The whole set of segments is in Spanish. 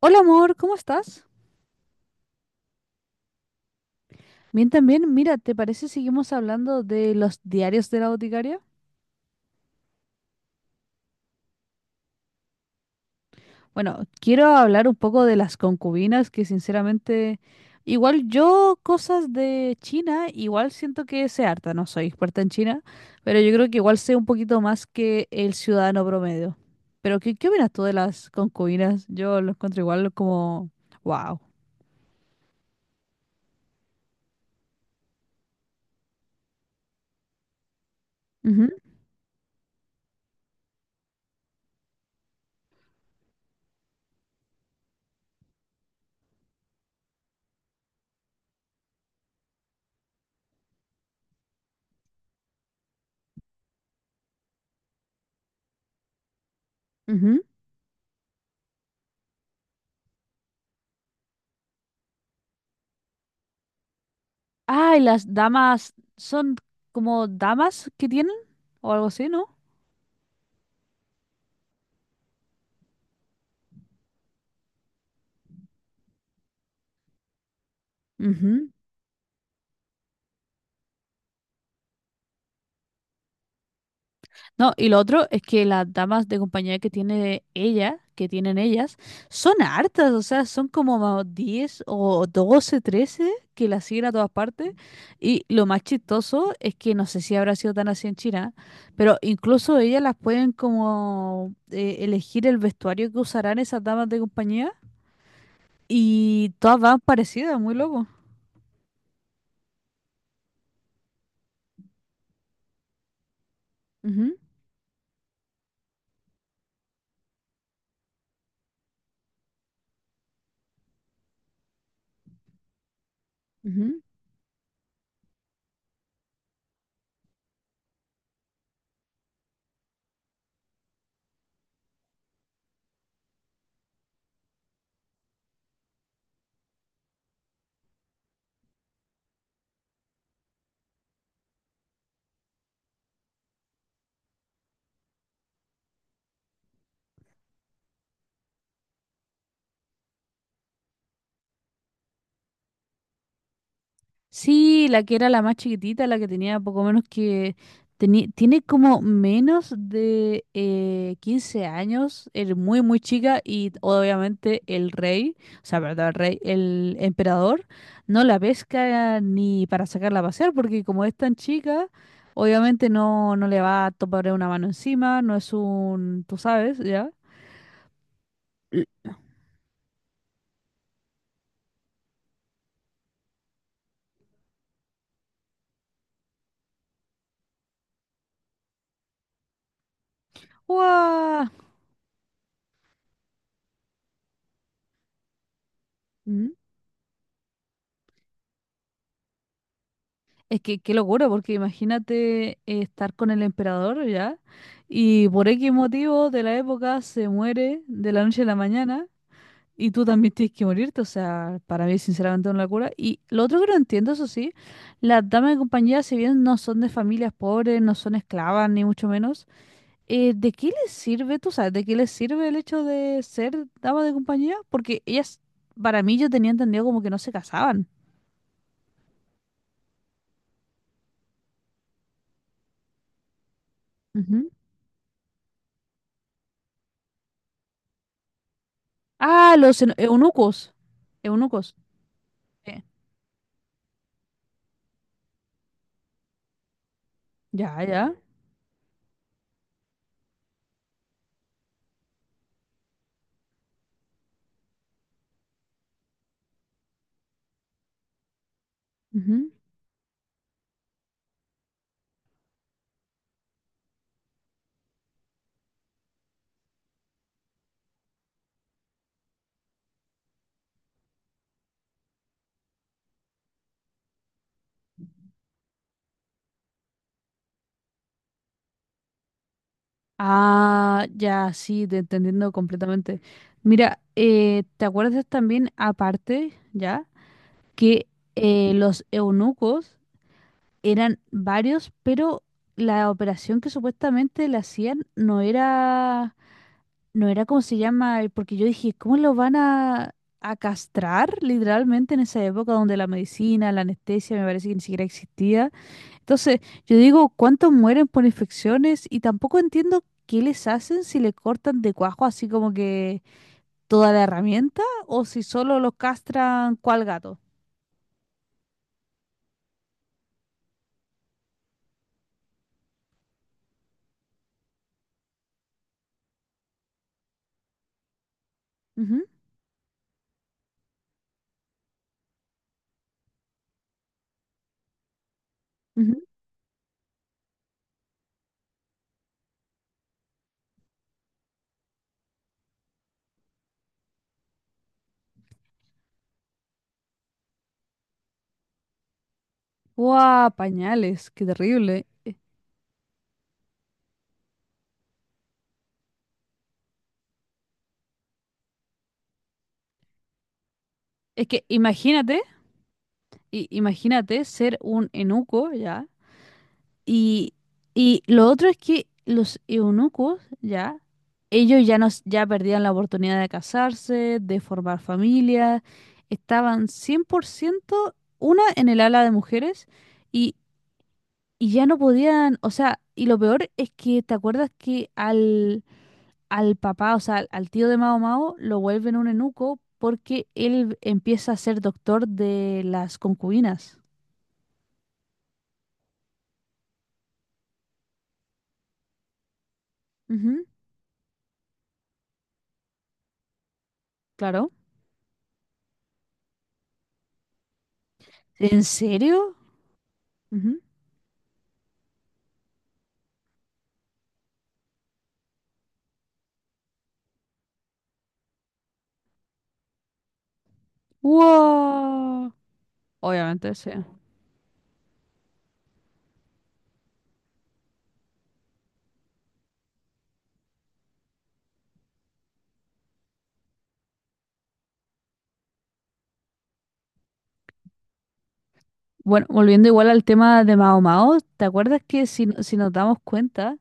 Hola amor, ¿cómo estás? Bien también, mira, ¿te parece seguimos hablando de los diarios de la boticaria? Bueno, quiero hablar un poco de las concubinas, que sinceramente, igual yo cosas de China, igual siento que sé harta, no soy experta en China, pero yo creo que igual sé un poquito más que el ciudadano promedio. Pero ¿qué opinas tú de las concubinas? Yo lo encuentro igual como, wow. Ujú, ujú. Ah, y las damas son como damas que tienen o algo así, ¿no? Ujú. No, y lo otro es que las damas de compañía que tiene ella, que tienen ellas, son hartas, o sea, son como 10 o 12, 13, que las siguen a todas partes. Y lo más chistoso es que no sé si habrá sido tan así en China, pero incluso ellas las pueden como elegir el vestuario que usarán esas damas de compañía y todas van parecidas, muy loco. Ujú, ujú. Sí, la que era la más chiquitita, la que tenía poco menos que… tiene como menos de 15 años, es muy, muy chica y obviamente el rey, o sea, perdón, el rey, el emperador, no la pesca ni para sacarla a pasear porque como es tan chica, obviamente no le va a topar una mano encima, no es un, tú sabes, ¿ya? ¡Guau! Mm. Es que qué locura, porque imagínate estar con el emperador ya, y por X motivo de la época se muere de la noche a la mañana, y tú también tienes que morirte, o sea, para mí es sinceramente una locura. Y lo otro que no entiendo, eso sí, las damas de compañía, si bien no son de familias pobres, no son esclavas, ni mucho menos, ¿de qué les sirve, tú sabes, de qué les sirve el hecho de ser damas de compañía? Porque ellas, para mí yo tenía entendido como que no se casaban. Ah, eunucos. Eunucos. Eh, Ya, ya. Ujú. Ah, ya, sí, te entendiendo completamente. Mira, ¿te acuerdas también, aparte, ya, que los eunucos eran varios, pero la operación que supuestamente le hacían no era como se llama. Porque yo dije, ¿cómo lo van a castrar literalmente en esa época donde la medicina, la anestesia, me parece que ni siquiera existía? Entonces, yo digo, ¿cuántos mueren por infecciones? Y tampoco entiendo qué les hacen si le cortan de cuajo así como que toda la herramienta o si solo los castran cual gato. Ujú, ujú. Guau, pañales, qué terrible. Es que imagínate, imagínate ser un enuco, ¿ya? Y, y lo otro es que los eunucos, ya, ellos ya, nos, ya perdían la oportunidad de casarse, de formar familias, estaban 100% una en el ala de mujeres y, y ya no podían, o sea, y lo peor es que, ¿te acuerdas que al, al papá, o sea, al, al tío de Mao Mao, lo vuelven un eunuco porque él empieza a ser doctor de las concubinas? Ujú, claro. ¿En serio? Wow. Obviamente sí. Bueno, volviendo igual al tema de Mao Mao, ¿te acuerdas que si, si nos damos cuenta,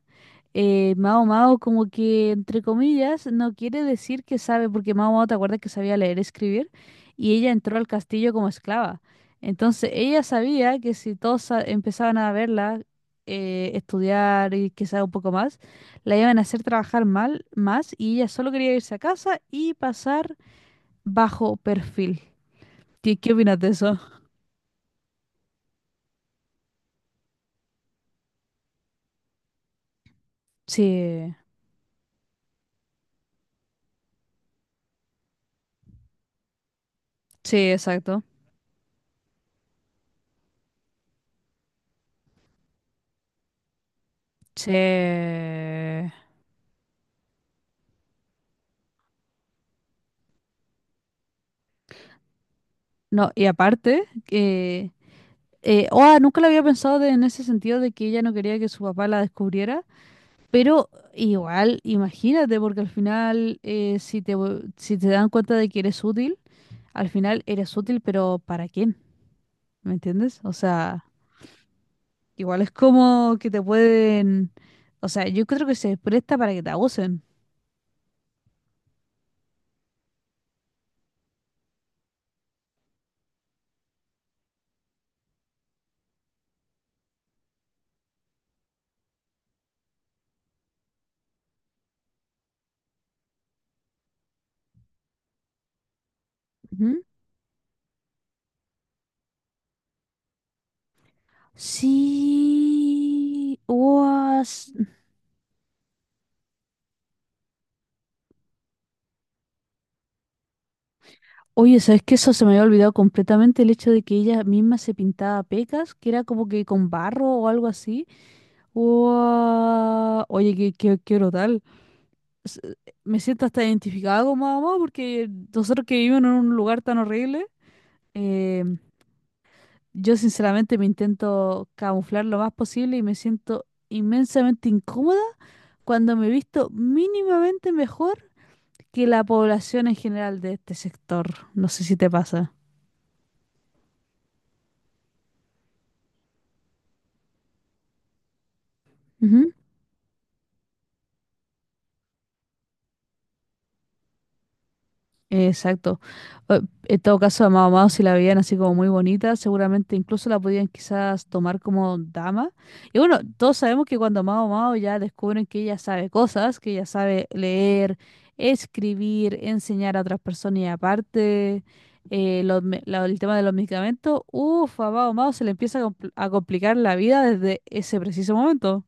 Mao Mao como que entre comillas no quiere decir que sabe, porque Mao Mao te acuerdas que sabía leer y escribir y ella entró al castillo como esclava. Entonces ella sabía que si todos empezaban a verla, estudiar y quizá un poco más, la iban a hacer trabajar mal más y ella solo quería irse a casa y pasar bajo perfil. ¿Qué opinas de eso? Sí, sí, exacto. Sí. No, y aparte, que… oh, nunca lo había pensado en ese sentido de que ella no quería que su papá la descubriera, pero igual, imagínate, porque al final, si te, si te dan cuenta de que eres útil, al final eres útil, pero ¿para quién? ¿Me entiendes? O sea, igual es como que te pueden… O sea, yo creo que se presta para que te abusen. Sí, guas. Oye, ¿sabes qué? Eso se me había olvidado completamente el hecho de que ella misma se pintaba pecas, que era como que con barro o algo así. Guau. Oye, qué brutal. S- me siento hasta identificada con mamá porque nosotros que vivimos en un lugar tan horrible, eh, yo sinceramente me intento camuflar lo más posible y me siento inmensamente incómoda cuando me he visto mínimamente mejor que la población en general de este sector. No sé si te pasa. Ujú. Exacto. Eh, en todo caso, a Mao Mao, si la veían así como muy bonita, seguramente incluso la podían quizás tomar como dama. Y bueno, todos sabemos que cuando Mao Mao ya descubren que ella sabe cosas, que ella sabe leer, escribir, enseñar a otras personas y aparte el tema de los medicamentos, uff, a Mao Mao se le empieza a complicar la vida desde ese preciso momento.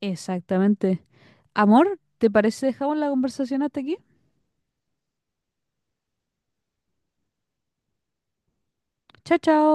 Exactamente. Amor, ¿te parece dejamos la conversación hasta aquí? Chao, chao.